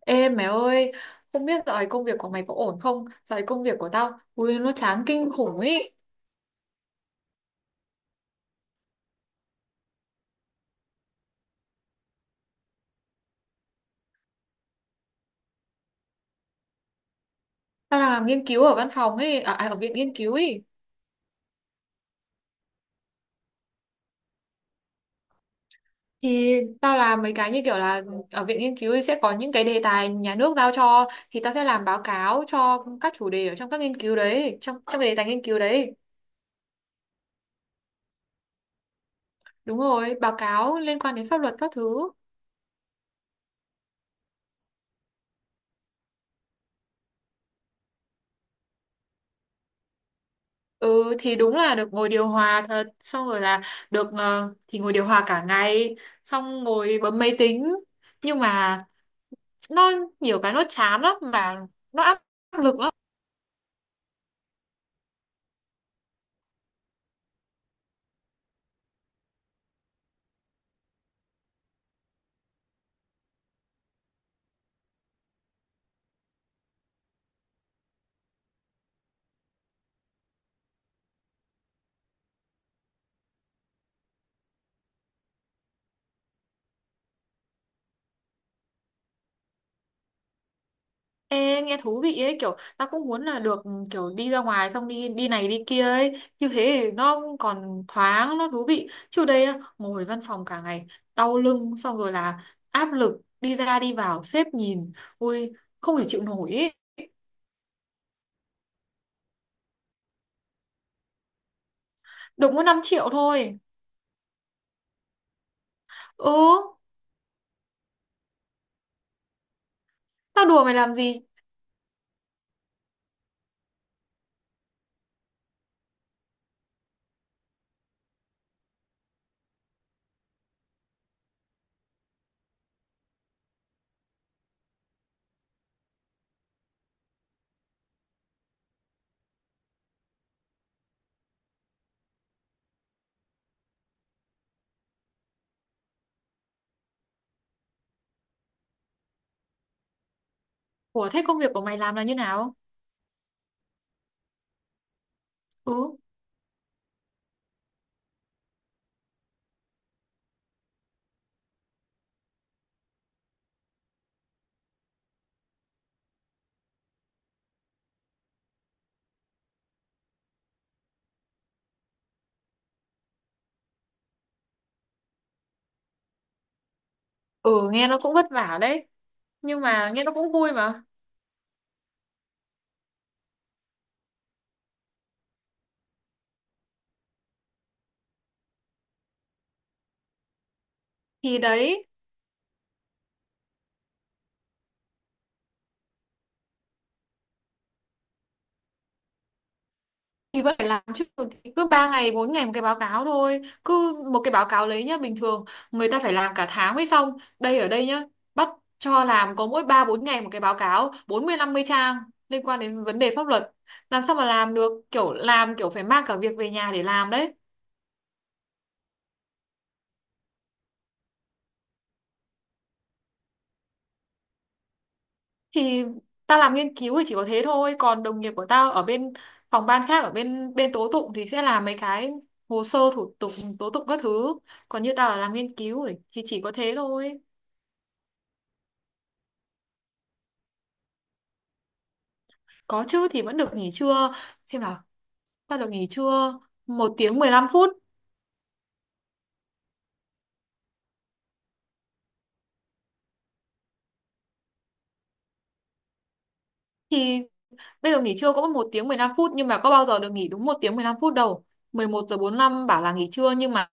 Ê mẹ ơi, không biết dạo này công việc của mày có ổn không? Dạo này công việc của tao, ui nó chán kinh khủng ý. Tao đang làm nghiên cứu ở văn phòng ấy, ở viện nghiên cứu ấy. Thì tao làm mấy cái như kiểu là ở viện nghiên cứu ấy sẽ có những cái đề tài nhà nước giao cho, thì tao sẽ làm báo cáo cho các chủ đề ở trong các nghiên cứu đấy, trong trong cái đề tài nghiên cứu đấy. Đúng rồi, báo cáo liên quan đến pháp luật các thứ. Ừ thì đúng là được ngồi điều hòa thật, xong rồi là được, thì ngồi điều hòa cả ngày, xong ngồi bấm máy tính, nhưng mà nó nhiều cái nó chán lắm mà, nó áp lực lắm. Ê, nghe thú vị ấy, kiểu ta cũng muốn là được kiểu đi ra ngoài xong đi đi này đi kia ấy, như thế thì nó còn thoáng nó thú vị, chứ đây á, ngồi văn phòng cả ngày đau lưng, xong rồi là áp lực, đi ra đi vào sếp nhìn, ui không thể chịu nổi ấy. Được mỗi 5 triệu thôi. Ừ, tao đùa mày làm gì. Ủa thế công việc của mày làm là như nào? Ừ, ừ, nghe nó cũng vất vả đấy, nhưng mà nghe nó cũng vui mà. Thì đấy, thì vẫn phải làm chứ. Thì cứ 3 ngày 4 ngày một cái báo cáo thôi, cứ một cái báo cáo lấy nhá, bình thường người ta phải làm cả tháng mới xong, đây ở đây nhá, bắt cho làm có mỗi 3 4 ngày một cái báo cáo bốn mươi năm mươi trang liên quan đến vấn đề pháp luật, làm sao mà làm được, kiểu làm kiểu phải mang cả việc về nhà để làm đấy. Thì tao làm nghiên cứu thì chỉ có thế thôi, còn đồng nghiệp của tao ở bên phòng ban khác, ở bên bên tố tụng, thì sẽ làm mấy cái hồ sơ thủ tục tố tụng các thứ, còn như tao là làm nghiên cứu ấy, thì chỉ có thế thôi. Có chứ, thì vẫn được nghỉ trưa. Xem nào, ta được nghỉ trưa một tiếng 15 phút. Thì bây giờ nghỉ trưa cũng một tiếng 15 phút, nhưng mà có bao giờ được nghỉ đúng một tiếng 15 phút đâu. Mười một giờ bốn lăm bảo là nghỉ trưa, nhưng mà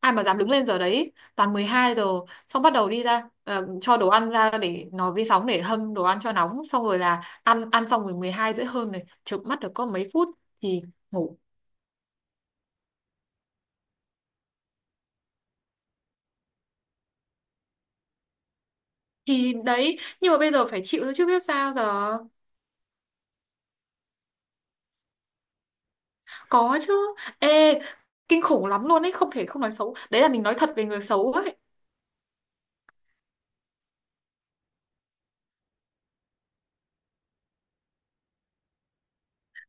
ai mà dám đứng lên giờ đấy, toàn 12 giờ. Xong bắt đầu đi ra, cho đồ ăn ra để nó vi sóng để hâm đồ ăn cho nóng, xong rồi là ăn, ăn xong rồi 12 rưỡi hơn này, chợp mắt được có mấy phút thì ngủ. Thì đấy, nhưng mà bây giờ phải chịu thôi chứ biết sao giờ. Có chứ, ê, kinh khủng lắm luôn ấy, không thể không nói xấu, đấy là mình nói thật về người xấu ấy.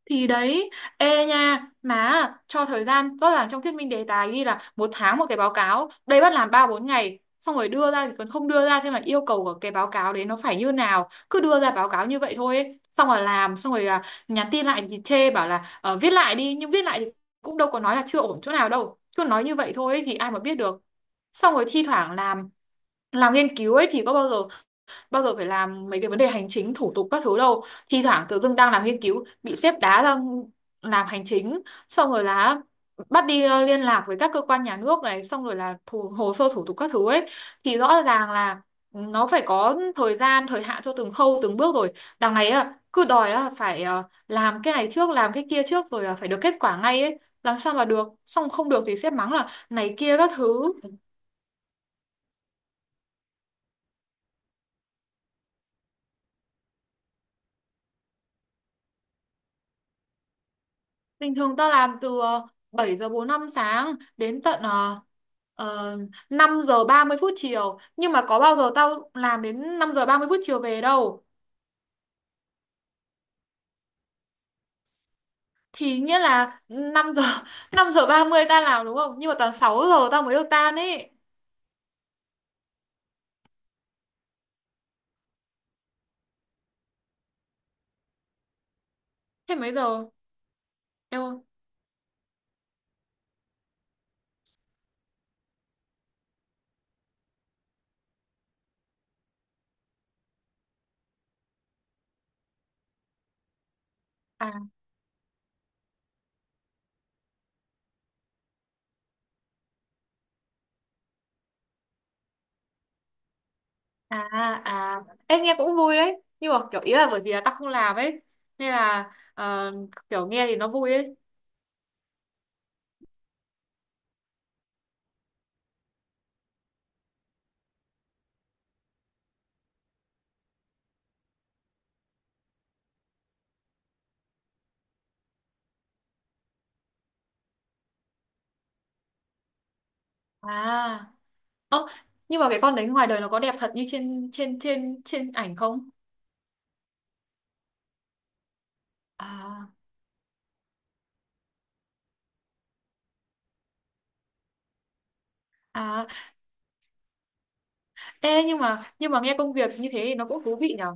Thì đấy, ê nha, má cho thời gian rõ ràng trong thuyết minh đề tài ghi là một tháng một cái báo cáo, đây bắt làm ba bốn ngày, xong rồi đưa ra thì còn không đưa ra xem là yêu cầu của cái báo cáo đấy nó phải như nào, cứ đưa ra báo cáo như vậy thôi ấy. Xong rồi làm, xong rồi nhắn tin lại thì chê bảo là, viết lại đi, nhưng viết lại thì cũng đâu có nói là chưa ổn chỗ nào đâu, cứ nói như vậy thôi ấy, thì ai mà biết được. Xong rồi thi thoảng làm nghiên cứu ấy thì có bao giờ phải làm mấy cái vấn đề hành chính thủ tục các thứ đâu, thi thoảng tự dưng đang làm nghiên cứu bị sếp đá ra làm hành chính, xong rồi là bắt đi, liên lạc với các cơ quan nhà nước này, xong rồi là hồ sơ thủ tục các thứ ấy. Thì rõ ràng là nó phải có thời gian thời hạn cho từng khâu từng bước rồi, đằng này á, cứ đòi á, phải, làm cái này trước làm cái kia trước rồi là phải được kết quả ngay ấy, làm sao mà được, xong không được thì sếp mắng là này kia các thứ. Bình thường tao làm từ 7 giờ 45 sáng đến tận ờ, 5 giờ 30 phút chiều. Nhưng mà có bao giờ tao làm đến 5 giờ 30 phút chiều về đâu. Thì nghĩa là 5 giờ 5 giờ 30 tao làm, đúng không? Nhưng mà toàn 6 giờ tao mới được tan ấy. Thế mấy giờ? Em ơi. À, à, à. Ê nghe cũng vui đấy. Nhưng mà kiểu ý là bởi vì là tao không làm ấy, nên là, kiểu nghe thì nó vui ấy. À. Ơ, nhưng mà cái con đấy ngoài đời nó có đẹp thật như trên trên trên trên ảnh không? À, à, ê, nhưng mà nghe công việc như thế thì nó cũng thú vị nhở.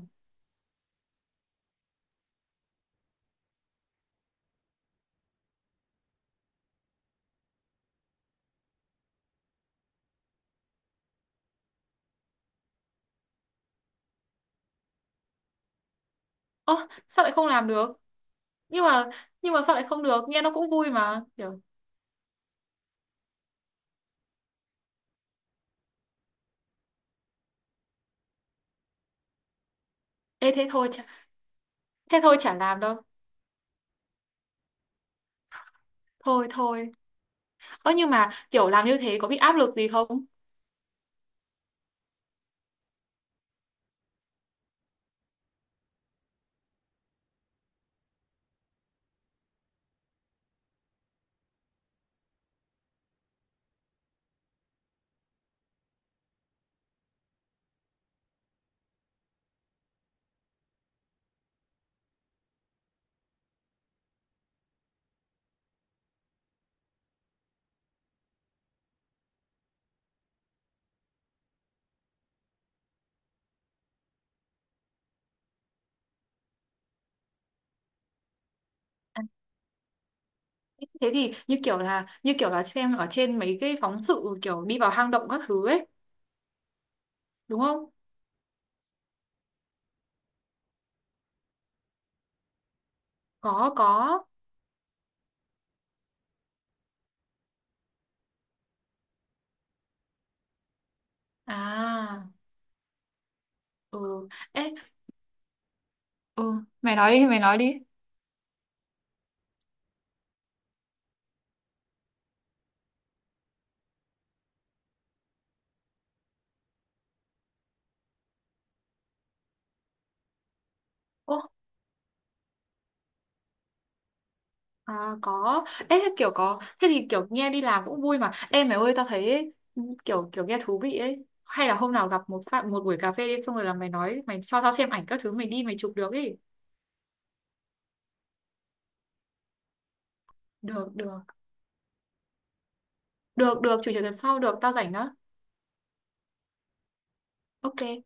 Ơ, sao lại không làm được? Nhưng mà nhưng mà sao lại không được? Nghe nó cũng vui mà. Kiểu, ê, thế thôi chả làm đâu. Thôi thôi. Ơ nhưng mà kiểu làm như thế có bị áp lực gì không? À, thế thì như kiểu là xem ở trên mấy cái phóng sự kiểu đi vào hang động các thứ ấy, đúng không? Có có. À, ừ. Ê, ừ, mày nói đi mày nói đi. Ồ, à, có. Ê, thế kiểu có, thế thì kiểu nghe đi làm cũng vui mà. Ê mày ơi, tao thấy ấy, kiểu kiểu nghe thú vị ấy. Hay là hôm nào gặp một phạm một buổi cà phê đi, xong rồi là mày nói, mày cho tao xem ảnh các thứ mày đi mày chụp được ấy. Được được. Được được, chủ nhật tuần sau, được, tao rảnh đó. Ok.